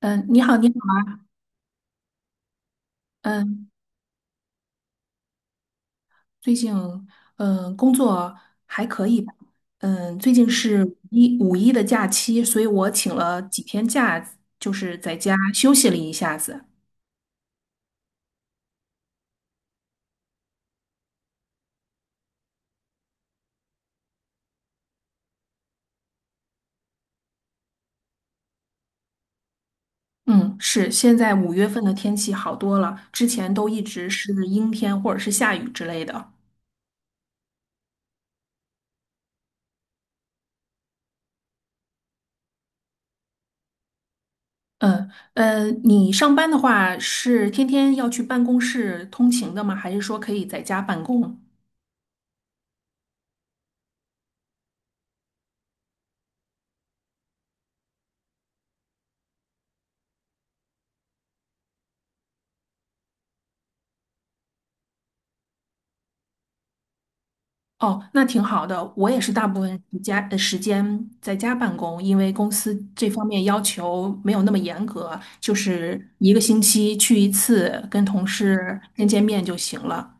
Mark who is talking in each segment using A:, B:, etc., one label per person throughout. A: 嗯，你好，你好，嗯，最近工作还可以吧？嗯，最近是五一的假期，所以我请了几天假，就是在家休息了一下子。嗯，是，现在五月份的天气好多了，之前都一直是阴天或者是下雨之类的。嗯，你上班的话是天天要去办公室通勤的吗？还是说可以在家办公？哦，那挺好的。我也是大部分时间在家办公，因为公司这方面要求没有那么严格，就是一个星期去一次，跟同事见见面就行了。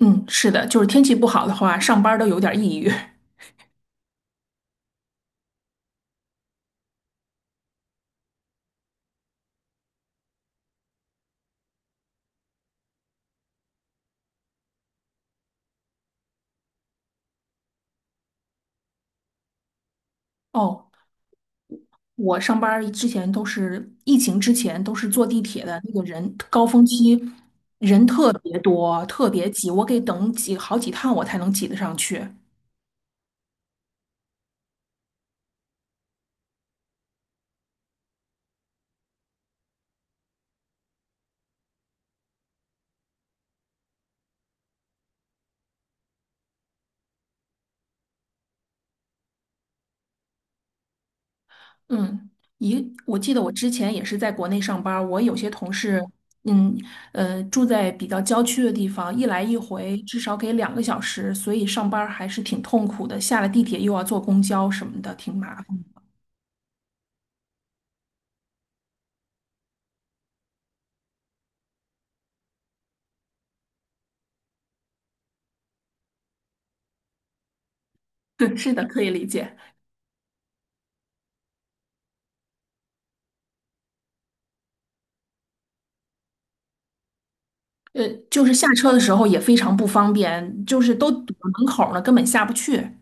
A: 嗯，是的，就是天气不好的话，上班儿都有点儿抑郁。哦，我上班儿之前疫情之前都是坐地铁的，那个人高峰期人特别多，特别挤，我给等好几趟我才能挤得上去。嗯，我记得我之前也是在国内上班儿，我有些同事，嗯住在比较郊区的地方，一来一回至少给两个小时，所以上班儿还是挺痛苦的。下了地铁又要坐公交什么的，挺麻烦。对，是的，可以理解。就是下车的时候也非常不方便，就是都堵到门口儿了，根本下不去。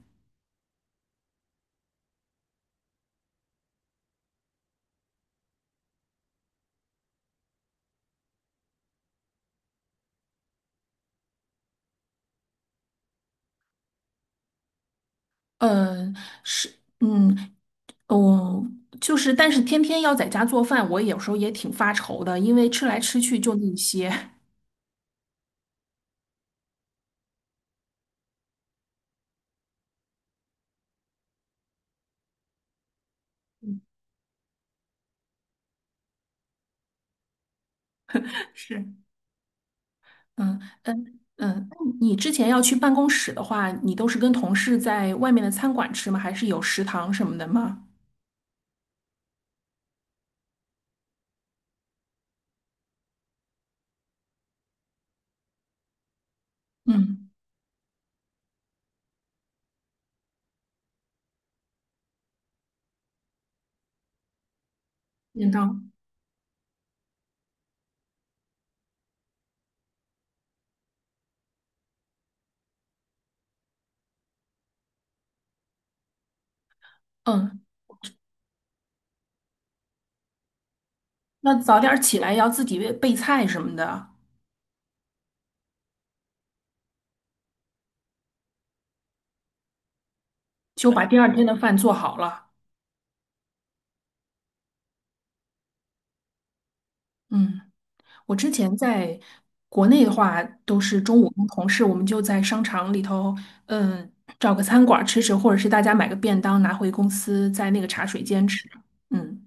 A: 呃，是，嗯，哦，就是，但是天天要在家做饭，我有时候也挺发愁的，因为吃来吃去就那些。是。嗯嗯嗯，那你之前要去办公室的话，你都是跟同事在外面的餐馆吃吗？还是有食堂什么的吗？嗯，便当。嗯，那早点儿起来要自己备备菜什么的，就把第二天的饭做好了。嗯，我之前在国内的话，都是中午跟同事，我们就在商场里头，嗯，找个餐馆儿吃吃，或者是大家买个便当拿回公司，在那个茶水间吃。嗯。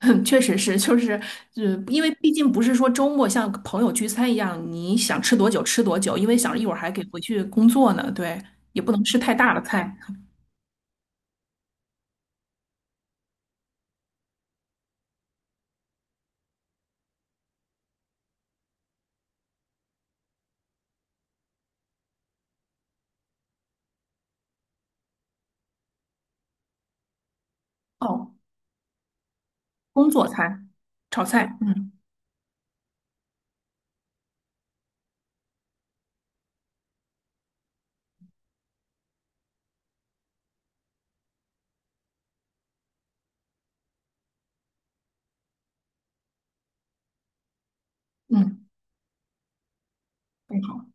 A: 确实是，就是，呃，因为毕竟不是说周末像朋友聚餐一样，你想吃多久吃多久，因为想着一会儿还给回去工作呢，对，也不能吃太大的菜。哦，工作餐，炒菜，嗯。嗯，很好。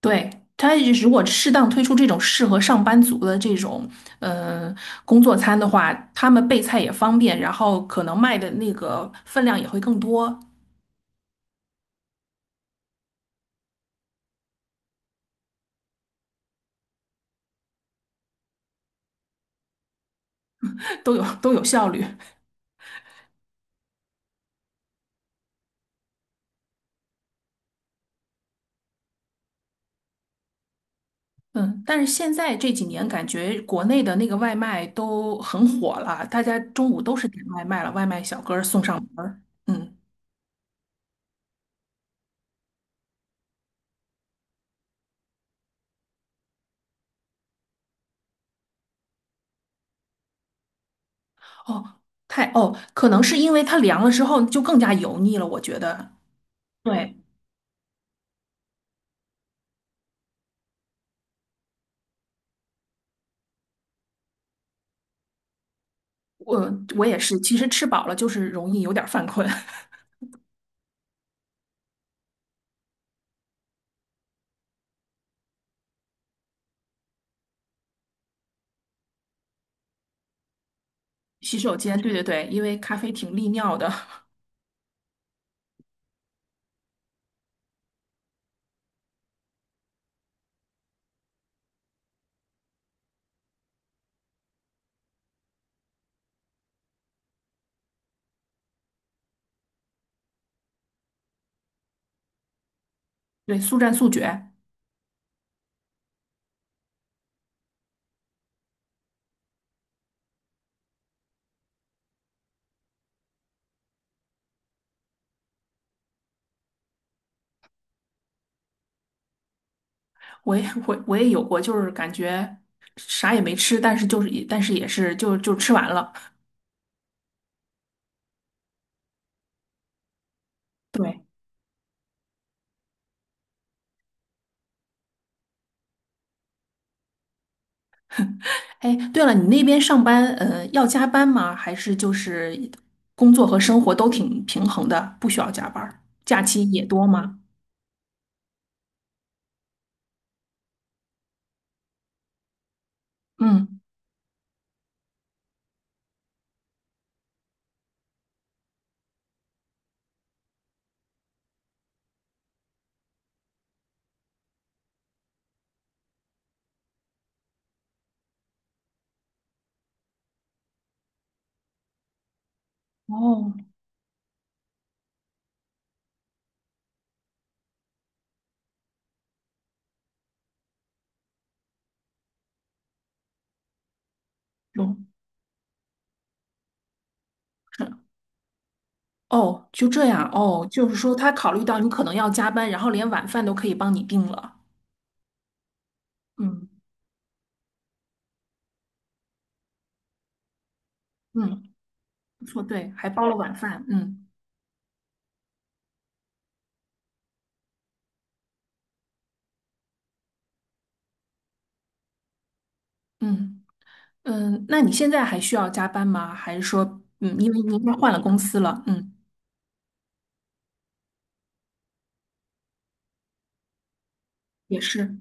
A: 对，他如果适当推出这种适合上班族的这种，呃，工作餐的话，他们备菜也方便，然后可能卖的那个分量也会更多。都有都有效率。嗯，但是现在这几年感觉国内的那个外卖都很火了，大家中午都是点外卖了，外卖小哥儿送上门儿。嗯，哦，可能是因为它凉了之后就更加油腻了，我觉得。对，我也是，其实吃饱了就是容易有点儿犯困。洗手间，对对对，因为咖啡挺利尿的，对，速战速决。我也有过，就是感觉啥也没吃，但是也是吃完了。对。哎，对了，你那边上班，要加班吗？还是就是工作和生活都挺平衡的，不需要加班儿？假期也多吗？嗯，哦，有，是，哦，就这样，哦，就是说他考虑到你可能要加班，然后连晚饭都可以帮你定了。嗯嗯，不错，对，还包了晚饭。嗯嗯嗯，那你现在还需要加班吗？还是说，嗯，因为你应该换了公司了，嗯，也是，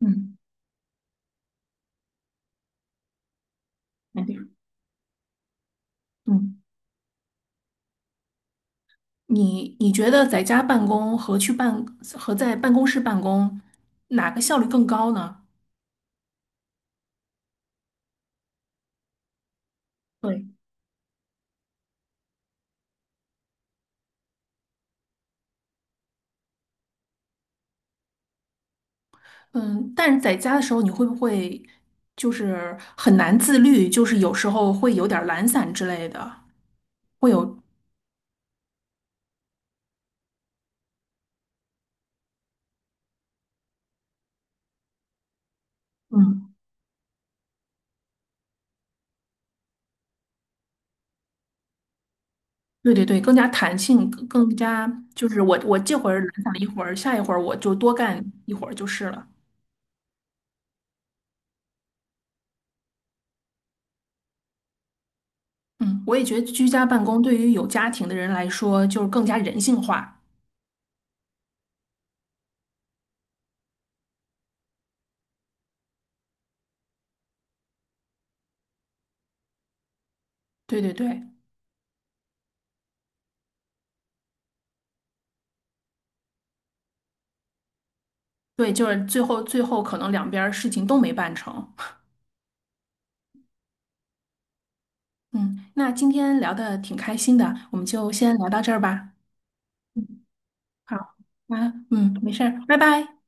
A: 嗯，那对，嗯。你你觉得在家办公和和在办公室办公，哪个效率更高呢？对，嗯，但是在家的时候，你会不会就是很难自律，就是有时候会有点儿懒散之类的，会有，嗯，对对对，更加弹性，更加就是我这会儿懒散了一会儿，下一会儿我就多干一会儿就是了。嗯，我也觉得居家办公对于有家庭的人来说，就是更加人性化。对对对。对，就是最后可能两边儿事情都没办成。嗯，那今天聊的挺开心的，我们就先聊到这儿吧。嗯，好，啊，嗯，没事儿，拜拜。